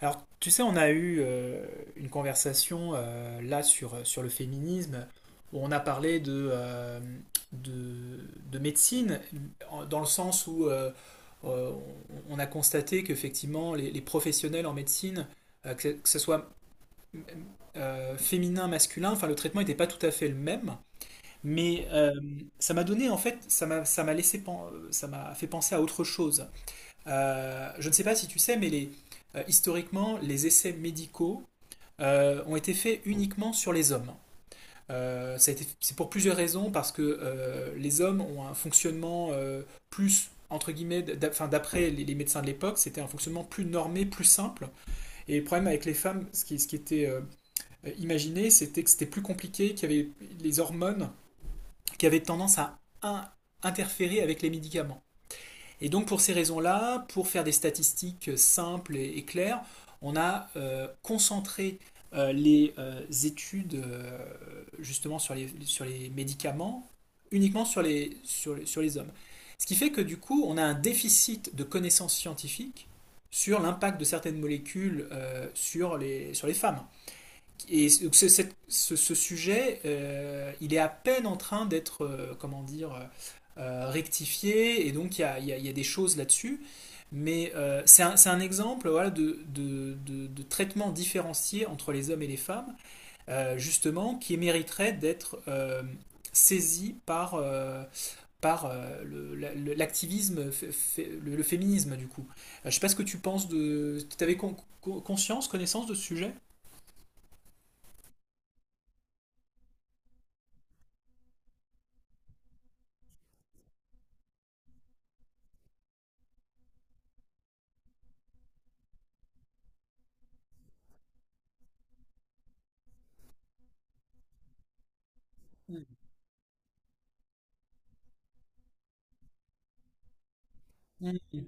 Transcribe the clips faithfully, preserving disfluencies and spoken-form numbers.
Alors, tu sais, on a eu euh, une conversation euh, là sur, sur le féminisme où on a parlé de, euh, de, de médecine en- dans le sens où euh, euh, on on a constaté qu'effectivement les, les professionnels en médecine, euh, que, ce- que ce soit euh, féminin, masculin, enfin le traitement n'était pas tout à fait le même. Mais euh, ça m'a donné en fait, ça m'a ça m'a laissé pen- ça m'a fait penser à autre chose. Euh, je ne sais pas si tu sais, mais les, euh, historiquement, les essais médicaux euh, ont été faits uniquement sur les hommes. Euh, ça a été- c'est pour plusieurs raisons, parce que euh, les hommes ont un fonctionnement euh, plus, entre guillemets, d'a- enfin, d'après les, les médecins de l'époque, c'était un fonctionnement plus normé, plus simple. Et le problème avec les femmes, ce qui, ce qui était euh, imaginé, c'était que c'était plus compliqué, qu'il y avait les hormones qui avaient tendance à in- interférer avec les médicaments. Et donc pour ces raisons-là, pour faire des statistiques simples et, et claires, on a euh, concentré euh, les euh, études euh, justement sur les, sur les médicaments uniquement sur les, sur, les- sur les hommes. Ce qui fait que du coup, on a un déficit de connaissances scientifiques sur l'impact de certaines molécules euh, sur les, sur les femmes. Et donc, ce, cette- ce- ce sujet, euh, il est à peine en train d'être, euh, comment dire, euh, euh, rectifié, et donc il y a, y a- y a des choses là-dessus. Mais euh, c'est un, c'est un exemple voilà, de, de, de- de traitement différencié entre les hommes et les femmes, euh, justement, qui mériterait d'être euh, saisi par, euh, par euh, le- l'activisme, le, le féminisme, du coup. Euh, je ne sais pas ce que tu penses de... Tu avais con- con- conscience, connaissance de ce sujet? Mm. Mm.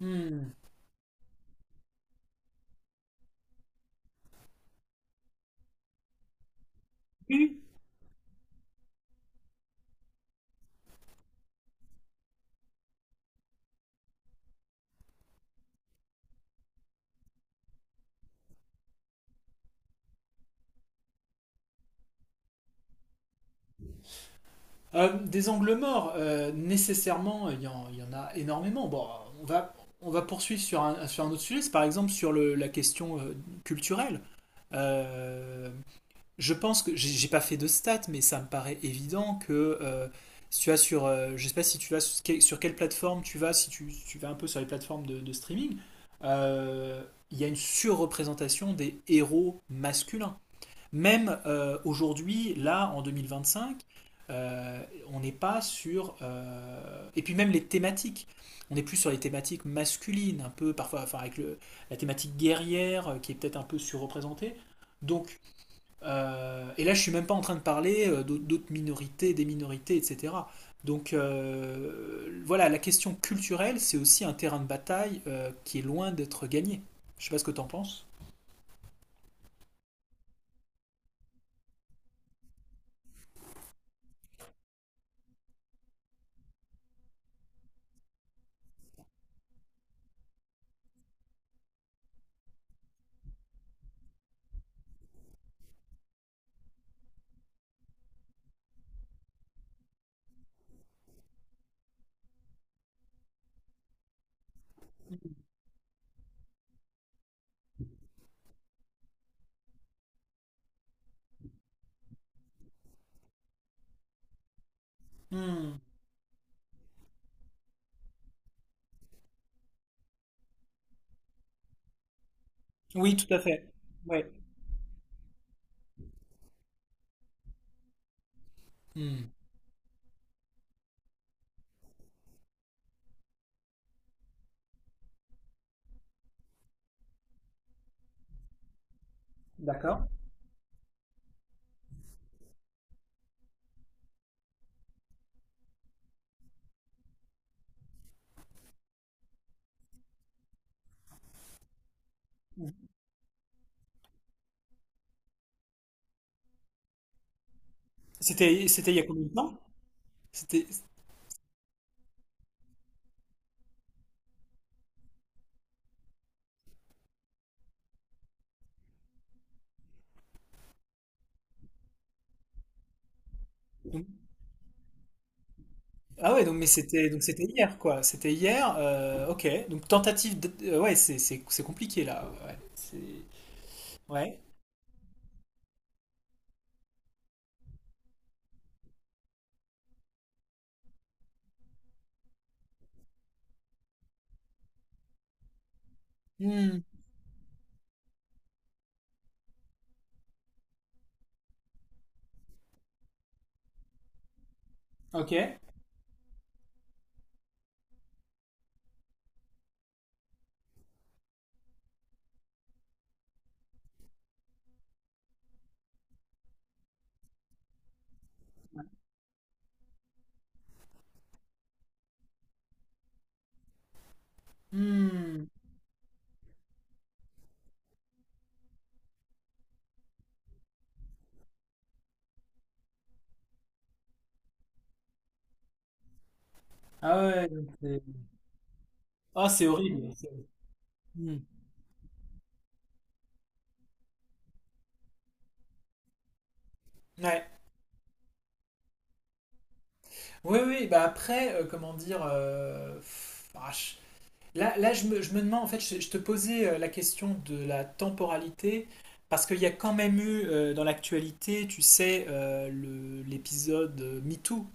Hmm. Oui. Euh, des angles morts, euh, nécessairement, il y, en il y en a énormément. Bon, on va, on va poursuivre sur un, sur un autre sujet, c'est par exemple sur le- la question euh, culturelle. Euh, je pense que j'ai j'ai pas fait de stats, mais ça me paraît évident que euh, si tu vas sur, euh, je sais pas si tu vas sur quelle, sur quelle plateforme tu vas, si tu, si tu vas un peu sur les plateformes de, de streaming, euh, il y a une surreprésentation des héros masculins. Même euh, aujourd'hui, là, en deux mille vingt-cinq, euh, on n'est pas sur... euh, et puis même les thématiques. On est plus sur les thématiques masculines, un peu parfois, enfin avec le- la thématique guerrière euh, qui est peut-être un peu surreprésentée. Donc, euh, et là, je suis même pas en train de parler euh, d'autres minorités, des minorités, et cetera. Donc, euh, voilà, la question culturelle, c'est aussi un terrain de bataille euh, qui est loin d'être gagné. Je sais pas ce que tu en penses. Hmm. Oui, tout à fait. Ouais. Hmm. D'accord. C'était, c'était il y a combien de temps? C'était, donc- ah ouais, donc, mais c'était, donc c'était hier, quoi. C'était hier, euh, ok. Donc tentative de- euh, ouais, c'est, c'est, c'est compliqué, là. Ouais. C'est- ouais. Hmm, ok. Hmm. Ah ouais, donc c'est... Ah, c'est horrible. c'est- Hmm. Ouais. Oui, oui, bah après, euh, comment dire... euh, pff, ah, je- Là, là je me, je me demande, en fait, je, je te posais euh, la question de la temporalité, parce qu'il y a quand même eu euh, dans l'actualité, tu sais, euh, le- l'épisode euh, MeToo.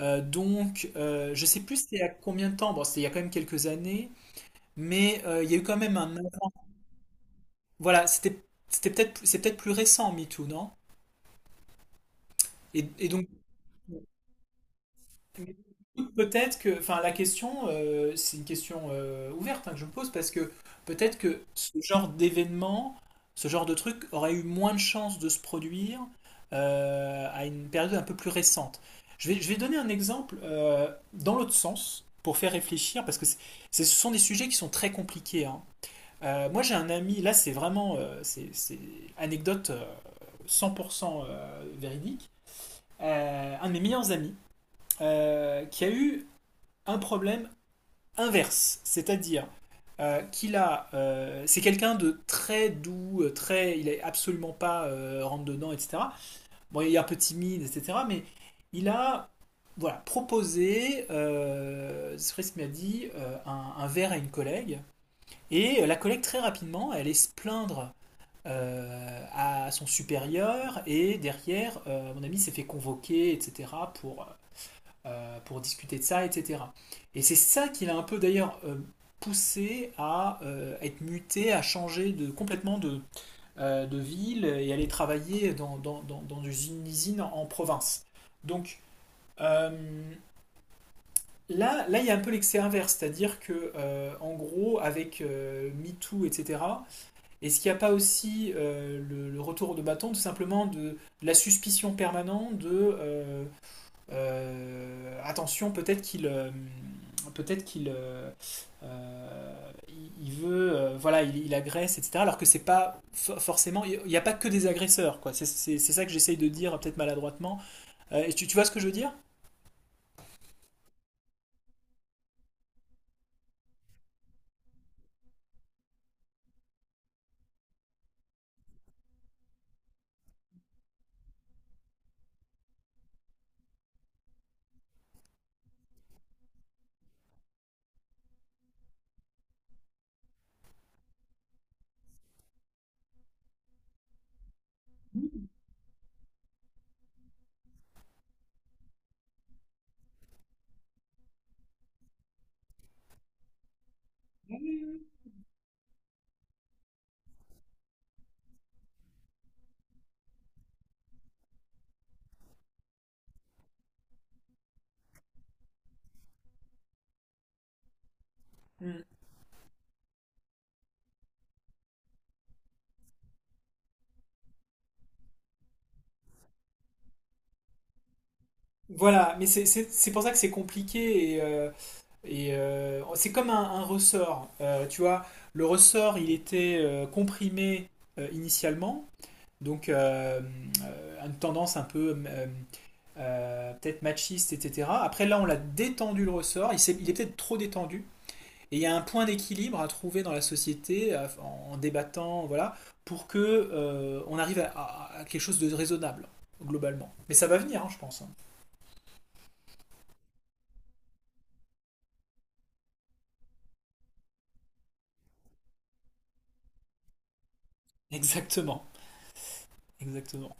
Euh, donc, euh, je sais plus c'était il y a combien de temps, bon, c'était il y a quand même quelques années, mais euh, il y a eu quand même un... avant. Voilà, c'était c'était peut-être c'est peut-être plus récent, MeToo, non? Et, et donc, Mais peut-être que, enfin, la question, euh, c'est une question euh, ouverte hein, que je me pose parce que peut-être que ce genre d'événement, ce genre de truc aurait eu moins de chances de se produire euh, à une période un peu plus récente. Je vais, je vais donner un exemple euh, dans l'autre sens pour faire réfléchir parce que c'est- c'est- ce sont des sujets qui sont très compliqués. Hein. Euh, moi, j'ai un ami, là, c'est vraiment euh, c'est, c'est anecdote euh, cent pour cent euh, véridique. Euh, un de mes meilleurs amis euh, qui a eu un problème inverse, c'est-à-dire euh, qu'il a, euh, c'est quelqu'un de très doux, euh, très, il est absolument pas euh, rentre dedans, et cetera. Bon, il est un peu timide, et cetera. Mais il a, voilà, proposé, euh, Fritz m'a dit, euh, un, un verre à une collègue. Et euh, la collègue très rapidement, elle est se plaindre euh, à son supérieur et derrière, euh, mon ami s'est fait convoquer, et cetera pour euh, euh, pour discuter de ça, et cetera. Et c'est ça qui l'a un peu d'ailleurs euh, poussé à euh, être muté, à changer de, complètement de, euh, de ville et aller travailler dans, dans, dans, dans une usine en province. Donc euh, là, là, il y a un peu l'excès inverse, c'est-à-dire que euh, en gros, avec euh, MeToo, et cetera, est-ce qu'il n'y a pas aussi euh, le, le, retour de bâton, tout simplement de, de la suspicion permanente de euh, euh, attention, peut-être qu'il euh, peut-être qu'il euh, euh, il veut euh, voilà, il, il agresse, et cetera. Alors que c'est pas for- forcément, il n'y a pas que des agresseurs, quoi. C'est c'est- c'est ça que j'essaye de dire, peut-être maladroitement. Euh, et tu, tu vois ce que je veux dire? Mm. Voilà, mais c'est c'est- c'est pour ça que c'est compliqué et euh, et euh, c'est comme un, un ressort, euh, tu vois. Le ressort, il était euh, comprimé euh, initialement. Donc euh, euh, une tendance un peu euh, euh, peut-être machiste, et cetera. Après là, on l'a détendu le ressort, il, il est peut-être trop détendu, et il y a un point d'équilibre à trouver dans la société à- en, en débattant, voilà, pour que euh, on arrive à, à- à quelque chose de raisonnable globalement. Mais ça va venir, hein, je pense. Hein. Exactement, exactement.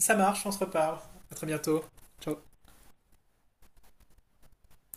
Ça marche, on se reparle. À très bientôt. Ciao.